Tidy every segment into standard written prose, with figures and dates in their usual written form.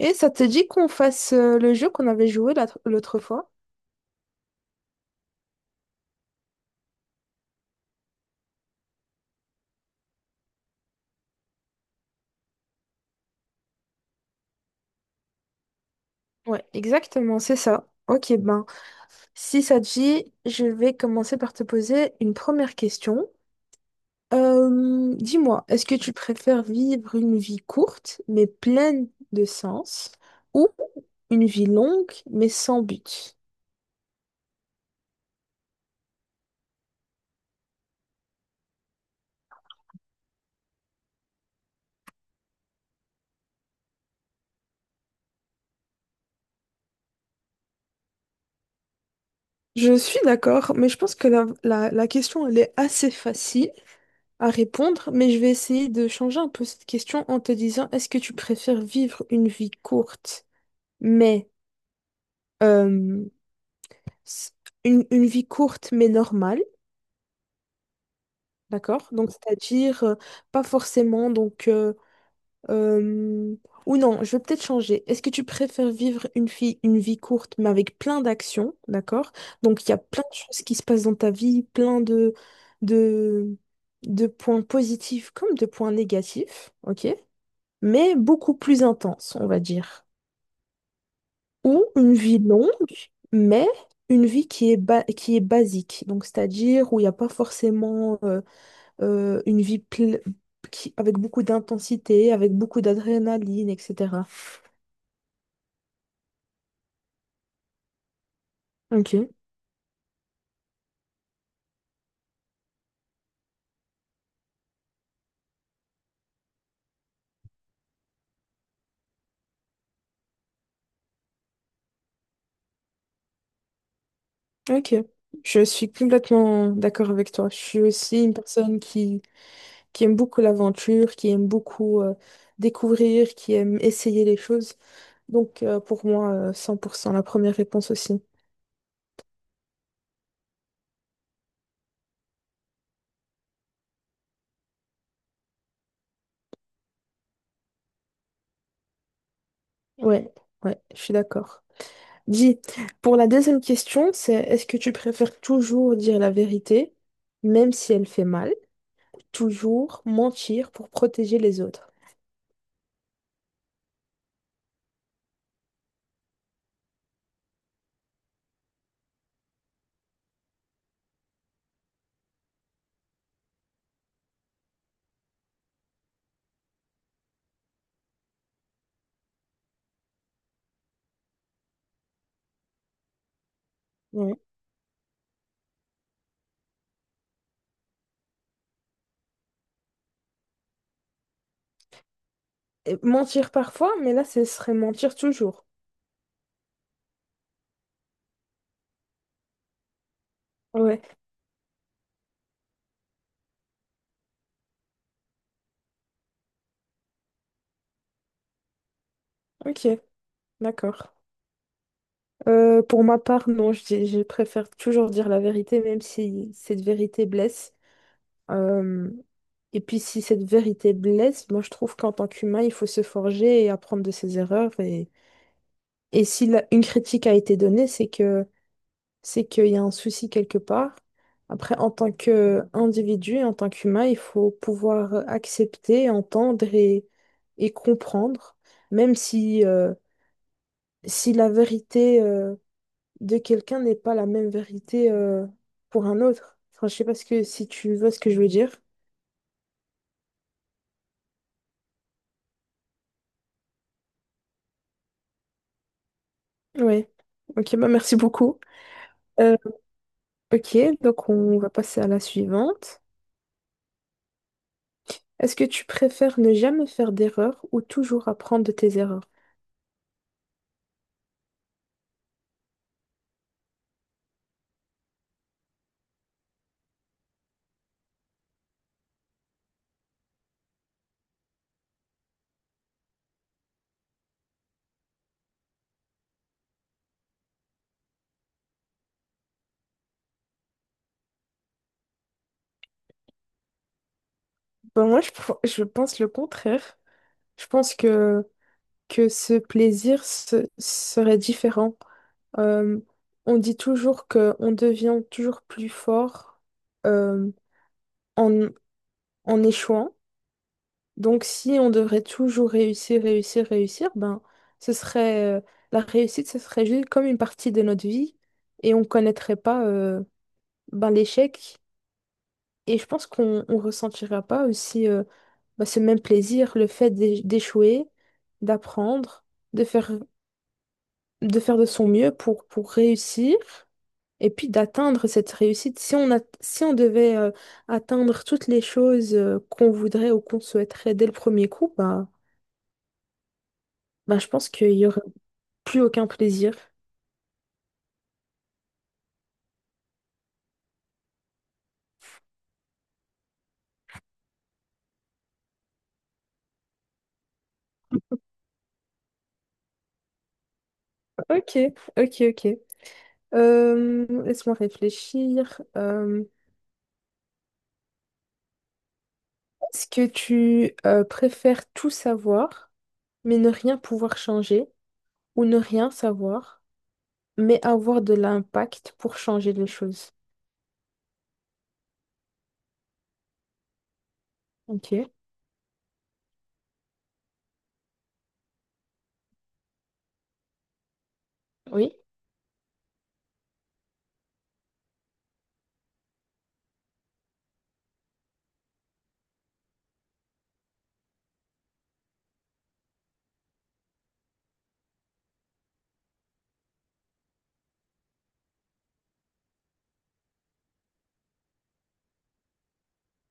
Et ça te dit qu'on fasse le jeu qu'on avait joué l'autre fois? Ouais, exactement, c'est ça. Ok, ben, si ça te dit, je vais commencer par te poser une première question. Dis-moi, est-ce que tu préfères vivre une vie courte mais pleine de sens ou une vie longue mais sans but? Je suis d'accord, mais je pense que la question, elle est assez facile à répondre, mais je vais essayer de changer un peu cette question en te disant, est-ce que tu préfères vivre une vie courte, mais euh, s- une vie courte mais normale, d'accord? Donc, c'est-à-dire pas forcément donc Euh, ou non, je vais peut-être changer. Est-ce que tu préfères vivre une vie courte, mais avec plein d'actions, d'accord? Donc, il y a plein de choses qui se passent dans ta vie, plein de, de, de points positifs comme de points négatifs, ok? Mais beaucoup plus intense, on va dire. Ou une vie longue, mais une vie qui est, qui est basique. Donc, c'est-à-dire où il n'y a pas forcément une vie avec beaucoup d'intensité, avec beaucoup d'adrénaline, etc. Ok, ok. Je suis complètement d'accord avec toi. Je suis aussi une personne qui aime beaucoup l'aventure, qui aime beaucoup découvrir, qui aime essayer les choses. Donc pour moi, cent pour cent la première réponse aussi. Ouais, ouais, je suis d'accord. Dis, pour la deuxième question, c'est est-ce que tu préfères toujours dire la vérité, même si elle fait mal, toujours mentir pour protéger les autres? Ouais. Et mentir parfois, mais là, ce serait mentir toujours. Ouais, ok, d'accord. Pour ma part, non, je préfère toujours dire la vérité, même si cette vérité blesse. Euh, et puis, si cette vérité blesse, moi, je trouve qu'en tant qu'humain, il faut se forger et apprendre de ses erreurs. Et si une critique a été donnée, c'est que c'est qu'il y a un souci quelque part. Après, en tant qu'individu, et en tant qu'humain, il faut pouvoir accepter, entendre et comprendre, même si, si la vérité de quelqu'un n'est pas la même vérité pour un autre. Enfin, je sais pas ce que, si tu vois ce que je veux dire. Ouais. Ok, bah merci beaucoup. Euh, ok, donc on va passer à la suivante. Est-ce que tu préfères ne jamais faire d'erreur ou toujours apprendre de tes erreurs? Ben, moi, je pense le contraire. Je pense que ce plaisir serait différent. Euh, on dit toujours qu'on devient toujours plus fort euh, en, en échouant. Donc, si on devrait toujours réussir, réussir, réussir, ben, ce serait, la réussite, ce serait juste comme une partie de notre vie et on connaîtrait pas ben, l'échec. Et je pense qu'on on ressentira pas aussi bah, ce même plaisir, le fait d'échouer, d'apprendre, de faire, de faire de son mieux pour réussir et puis d'atteindre cette réussite. Si on a, si on devait atteindre toutes les choses qu'on voudrait ou qu'on souhaiterait dès le premier coup, bah, bah, je pense qu'il n'y aurait plus aucun plaisir. Ok, ok, ok. Laisse-moi réfléchir. Est-ce que tu préfères tout savoir, mais ne rien pouvoir changer, ou ne rien savoir, mais avoir de l'impact pour changer les choses. Ok, oui,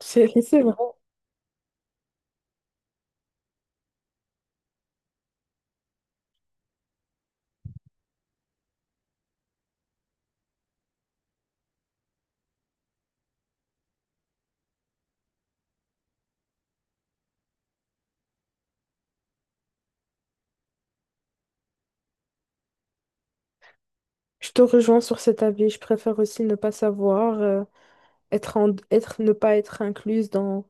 c'est c'est vrai. Je te rejoins sur cet avis. Je préfère aussi ne pas savoir, être être, ne pas être incluse dans,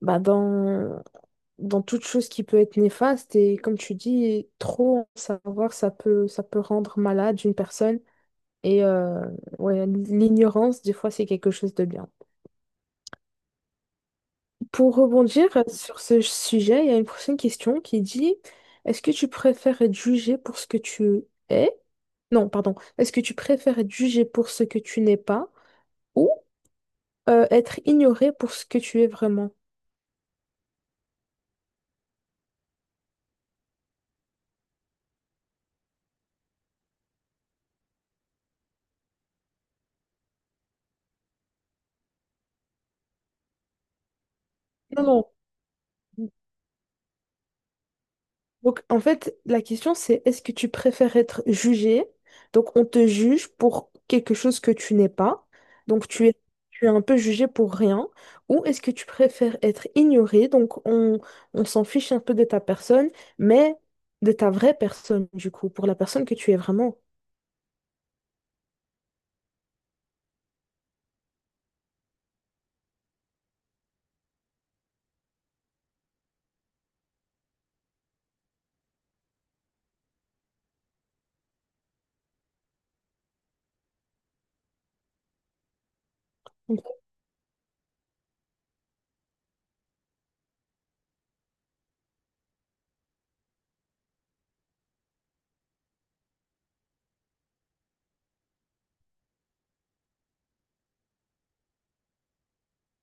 bah, dans, dans toute chose qui peut être néfaste. Et comme tu dis, trop en savoir, ça peut rendre malade une personne. Et ouais, l'ignorance, des fois, c'est quelque chose de bien. Pour rebondir sur ce sujet, il y a une prochaine question qui dit, est-ce que tu préfères être jugé pour ce que tu es? Non, pardon. Est-ce que tu préfères être jugé pour ce que tu n'es pas ou être ignoré pour ce que tu es vraiment? Non, non. Donc, en fait, la question, c'est est-ce que tu préfères être jugé? Donc, on te juge pour quelque chose que tu n'es pas. Donc, tu es un peu jugé pour rien. Ou est-ce que tu préfères être ignoré? Donc, on s'en fiche un peu de ta personne, mais de ta vraie personne, du coup, pour la personne que tu es vraiment. Donc,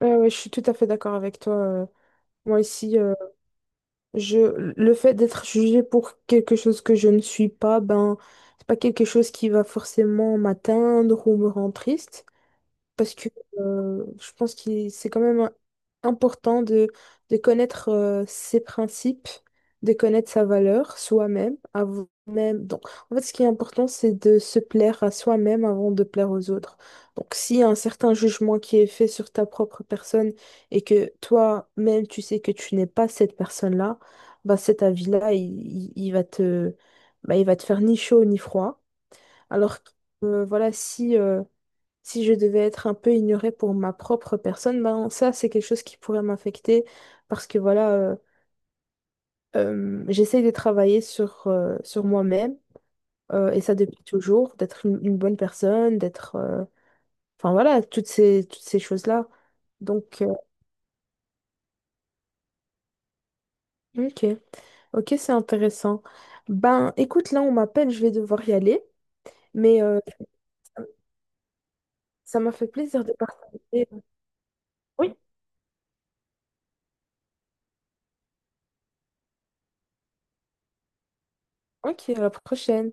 ouais, je suis tout à fait d'accord avec toi. Moi ici je, le fait d'être jugé pour quelque chose que je ne suis pas, ben, c'est pas quelque chose qui va forcément m'atteindre ou me rendre triste parce que je pense que c'est quand même important de connaître ses principes, de connaître sa valeur soi-même, avant même. Donc, en fait, ce qui est important, c'est de se plaire à soi-même avant de plaire aux autres. Donc, s'il y a un certain jugement qui est fait sur ta propre personne et que toi-même, tu sais que tu n'es pas cette personne-là, bah, cet avis-là, il va te, bah, il va te faire ni chaud ni froid. Alors que, voilà, si... si je devais être un peu ignorée pour ma propre personne, ben ça, c'est quelque chose qui pourrait m'affecter parce que voilà, j'essaye de travailler sur, sur moi-même et ça depuis toujours, d'être une bonne personne, d'être... enfin voilà, toutes ces choses-là. Donc, ok, ok, c'est intéressant. Ben écoute, là, on m'appelle, je vais devoir y aller, mais ça ça m'a fait plaisir de partager. Oui, ok, à la prochaine.